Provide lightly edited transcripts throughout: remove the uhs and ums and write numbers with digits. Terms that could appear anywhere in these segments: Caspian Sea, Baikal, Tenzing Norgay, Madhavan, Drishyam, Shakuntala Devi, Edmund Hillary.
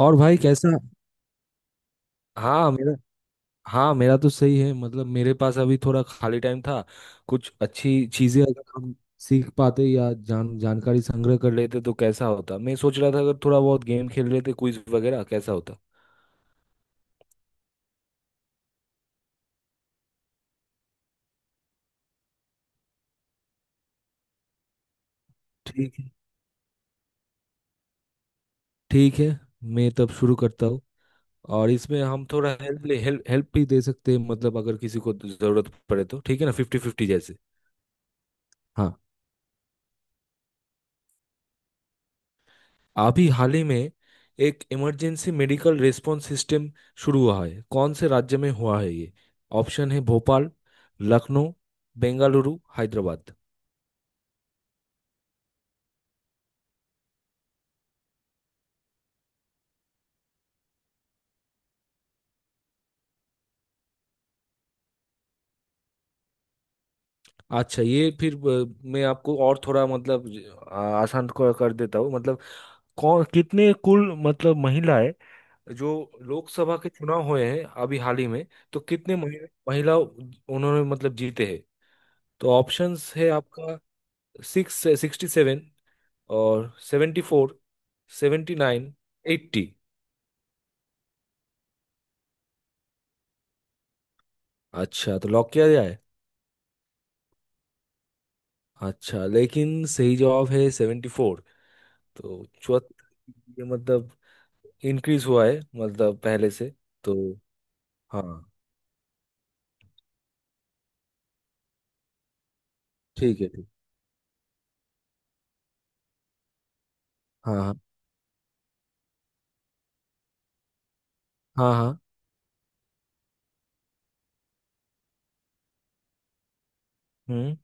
और भाई कैसा? हाँ मेरा हाँ मेरा तो सही है। मतलब मेरे पास अभी थोड़ा खाली टाइम था। कुछ अच्छी चीजें अगर हम सीख पाते या जानकारी संग्रह कर लेते तो कैसा होता, मैं सोच रहा था। अगर थोड़ा बहुत गेम खेल लेते, क्विज वगैरह, कैसा होता। ठीक है। ठीक है। मैं तब शुरू करता हूँ। और इसमें हम थोड़ा हेल्प ले, हेल्प हेल्प भी दे सकते हैं। मतलब अगर किसी को जरूरत पड़े तो। ठीक है ना, फिफ्टी फिफ्टी जैसे। हाँ। अभी हाल ही में एक इमरजेंसी मेडिकल रिस्पॉन्स सिस्टम शुरू हुआ है। कौन से राज्य में हुआ है ये? ऑप्शन है भोपाल, लखनऊ, बेंगलुरु, हैदराबाद। अच्छा, ये फिर मैं आपको और थोड़ा मतलब आसान कर कर देता हूँ। मतलब कौन कितने, कुल मतलब महिलाएं जो लोकसभा के चुनाव हुए हैं अभी हाल ही में, तो कितने महिला उन्होंने मतलब जीते हैं। तो ऑप्शंस है आपका सिक्स सिक्सटी सेवन और seventy four, seventy nine, eighty. अच्छा, तो लॉक किया जाए। अच्छा, लेकिन सही जवाब है सेवेंटी फोर। तो चौहत्तर, ये मतलब इंक्रीज हुआ है मतलब पहले से। तो हाँ। ठीक है। ठीक। हाँ, हाँ, हाँ, हाँ। हम्म।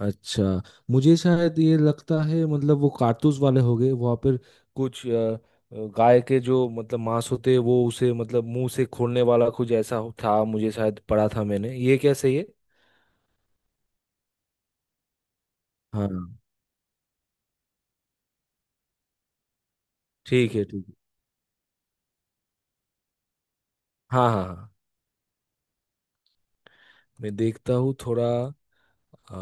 अच्छा, मुझे शायद ये लगता है मतलब वो कारतूस वाले हो गए वहाँ पर। कुछ गाय के जो मतलब मांस होते हैं, वो उसे मतलब मुंह से खोलने वाला कुछ ऐसा था, मुझे शायद पढ़ा था मैंने, ये क्या सही है? हाँ। ठीक है। ठीक है। हाँ, हाँ, हाँ। मैं देखता हूँ थोड़ा। अ,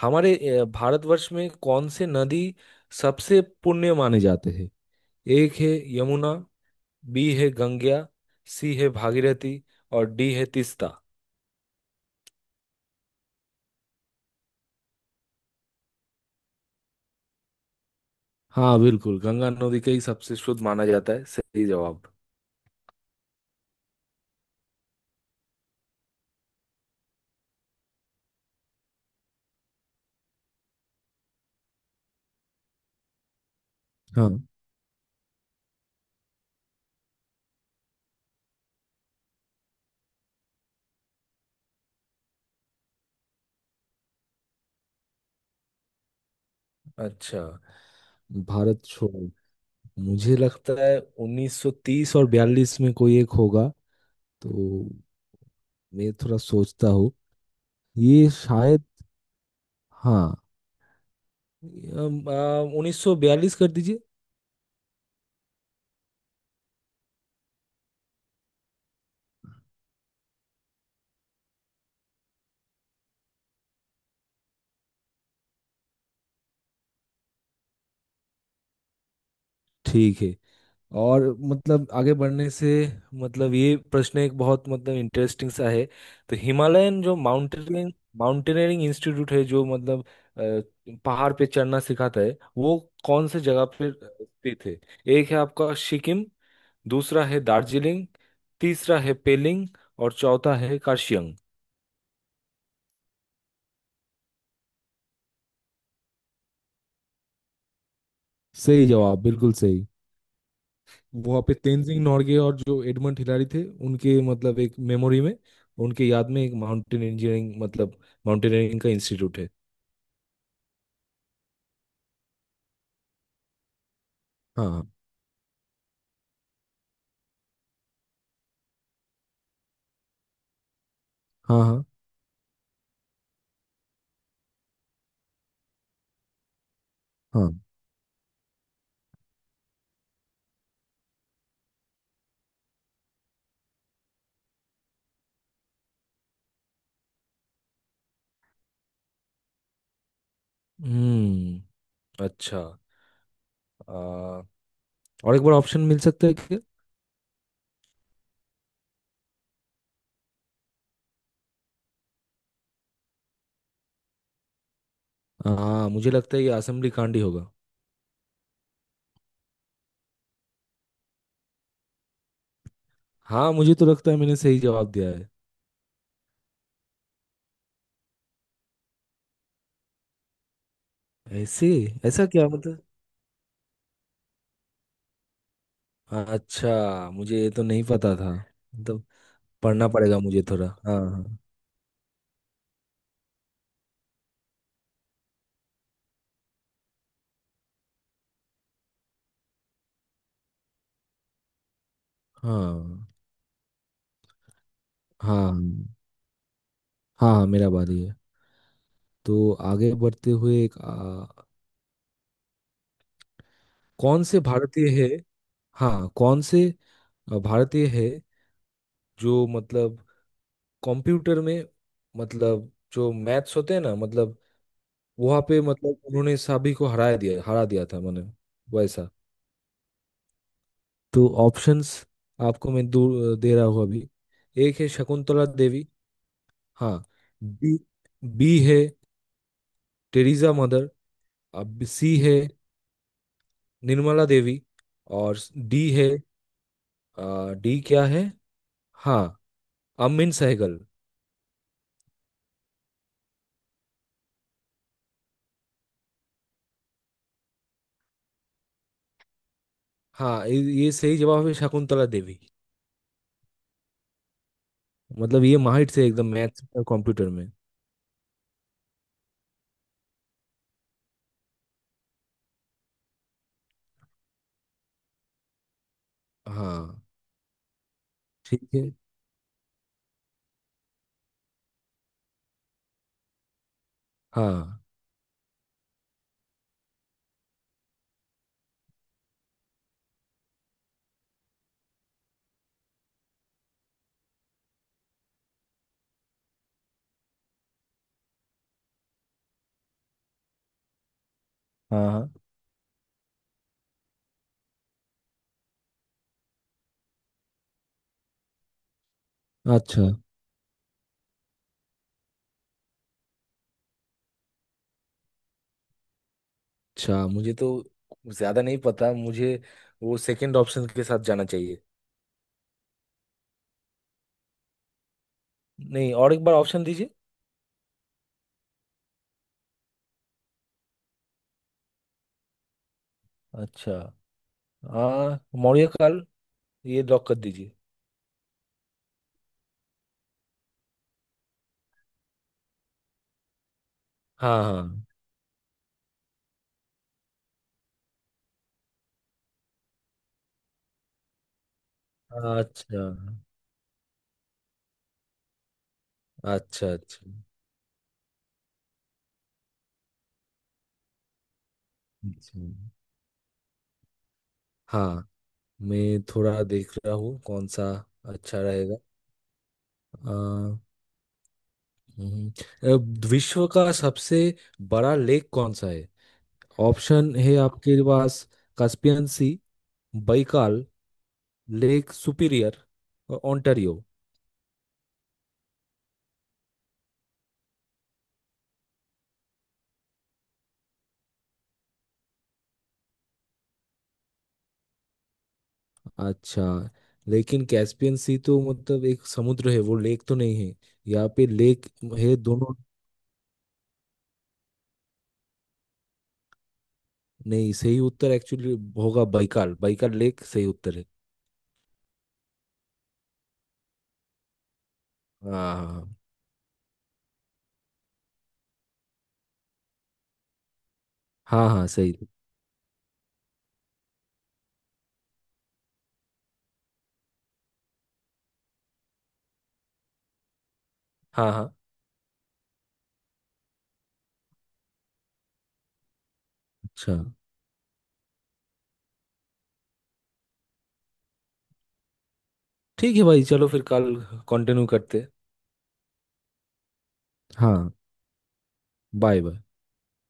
हमारे भारतवर्ष में कौन से नदी सबसे पुण्य माने जाते हैं? एक है यमुना, बी है गंगा, सी है भागीरथी, और डी है तीस्ता। हाँ बिल्कुल, गंगा नदी का ही सबसे शुद्ध माना जाता है, सही जवाब। हाँ। अच्छा, भारत छोड़ो, मुझे लगता है 1930 और 42 में कोई एक होगा तो। मैं थोड़ा सोचता हूँ। ये शायद, हाँ, उन्नीस सौ बयालीस कर दीजिए। ठीक है। और मतलब आगे बढ़ने से, मतलब ये प्रश्न एक बहुत मतलब इंटरेस्टिंग सा है। तो हिमालयन जो माउंटेनियरिंग माउंटेनियरिंग इंस्टीट्यूट है, जो मतलब पहाड़ पे चढ़ना सिखाता है वो, कौन से जगह पे स्थित है? एक है आपका सिक्किम, दूसरा है दार्जिलिंग, तीसरा है पेलिंग, और चौथा है कार्शियंग। सही जवाब, बिल्कुल सही। वहाँ पे तेनजिंग नोर्गे और जो एडमंड हिलारी थे, उनके मतलब एक मेमोरी में, उनके याद में एक माउंटेन इंजीनियरिंग मतलब माउंटेनियरिंग का इंस्टीट्यूट है। हाँ, हाँ, हाँ, हाँ। हम्म। अच्छा। आ, और एक बार ऑप्शन मिल सकता है क्या? हाँ, मुझे लगता है ये असेंबली कांड ही होगा। हाँ, मुझे तो लगता है मैंने सही जवाब दिया है। ऐसे ऐसा क्या मतलब? अच्छा, मुझे ये तो नहीं पता था मतलब, पढ़ना पड़ेगा मुझे थोड़ा। हाँ, हाँ। हाँ, हाँ। हाँ, हाँ, मेरा बारी है। तो आगे बढ़ते हुए एक, कौन से भारतीय है, हाँ, कौन से भारतीय है जो मतलब कंप्यूटर में, मतलब जो मैथ्स होते हैं ना, मतलब वहाँ पे मतलब उन्होंने सभी को हरा दिया था मैंने, वैसा। तो ऑप्शंस आपको मैं दे रहा हूँ अभी। एक है शकुंतला देवी, हाँ। बी बी है टेरिसा मदर। अब सी है निर्मला देवी, और डी है, डी क्या है, हाँ, अमिन सहगल। हाँ ये सही जवाब है, शकुंतला देवी। मतलब ये माहिर से एकदम मैथ्स और कंप्यूटर में। हाँ। ठीक है। हाँ, हाँ, हाँ। अच्छा, अच्छा। मुझे तो ज्यादा नहीं पता, मुझे वो सेकंड ऑप्शन के साथ जाना चाहिए। नहीं, और एक बार ऑप्शन दीजिए। अच्छा, हाँ मौर्य काल, ये लॉक कर दीजिए। हाँ, हाँ। अच्छा, अच्छा, अच्छा, अच्छा। हाँ, मैं थोड़ा देख रहा हूँ कौन सा अच्छा रहेगा। हम्म, अ, विश्व का सबसे बड़ा लेक कौन सा है? ऑप्शन है आपके पास Caspian sea, Baikal, lake Superior, और ओंटारियो। अच्छा, लेकिन कैस्पियन सी तो मतलब एक समुद्र है, वो लेक तो नहीं है। यहाँ पे लेक है दोनों। नहीं, सही उत्तर एक्चुअली होगा बैकाल। बैकाल लेक सही उत्तर है। हाँ, हाँ, हाँ, हाँ, सही। हाँ, हाँ। अच्छा, ठीक है भाई, चलो फिर कल कंटिन्यू करते हैं। हाँ। Bye bye.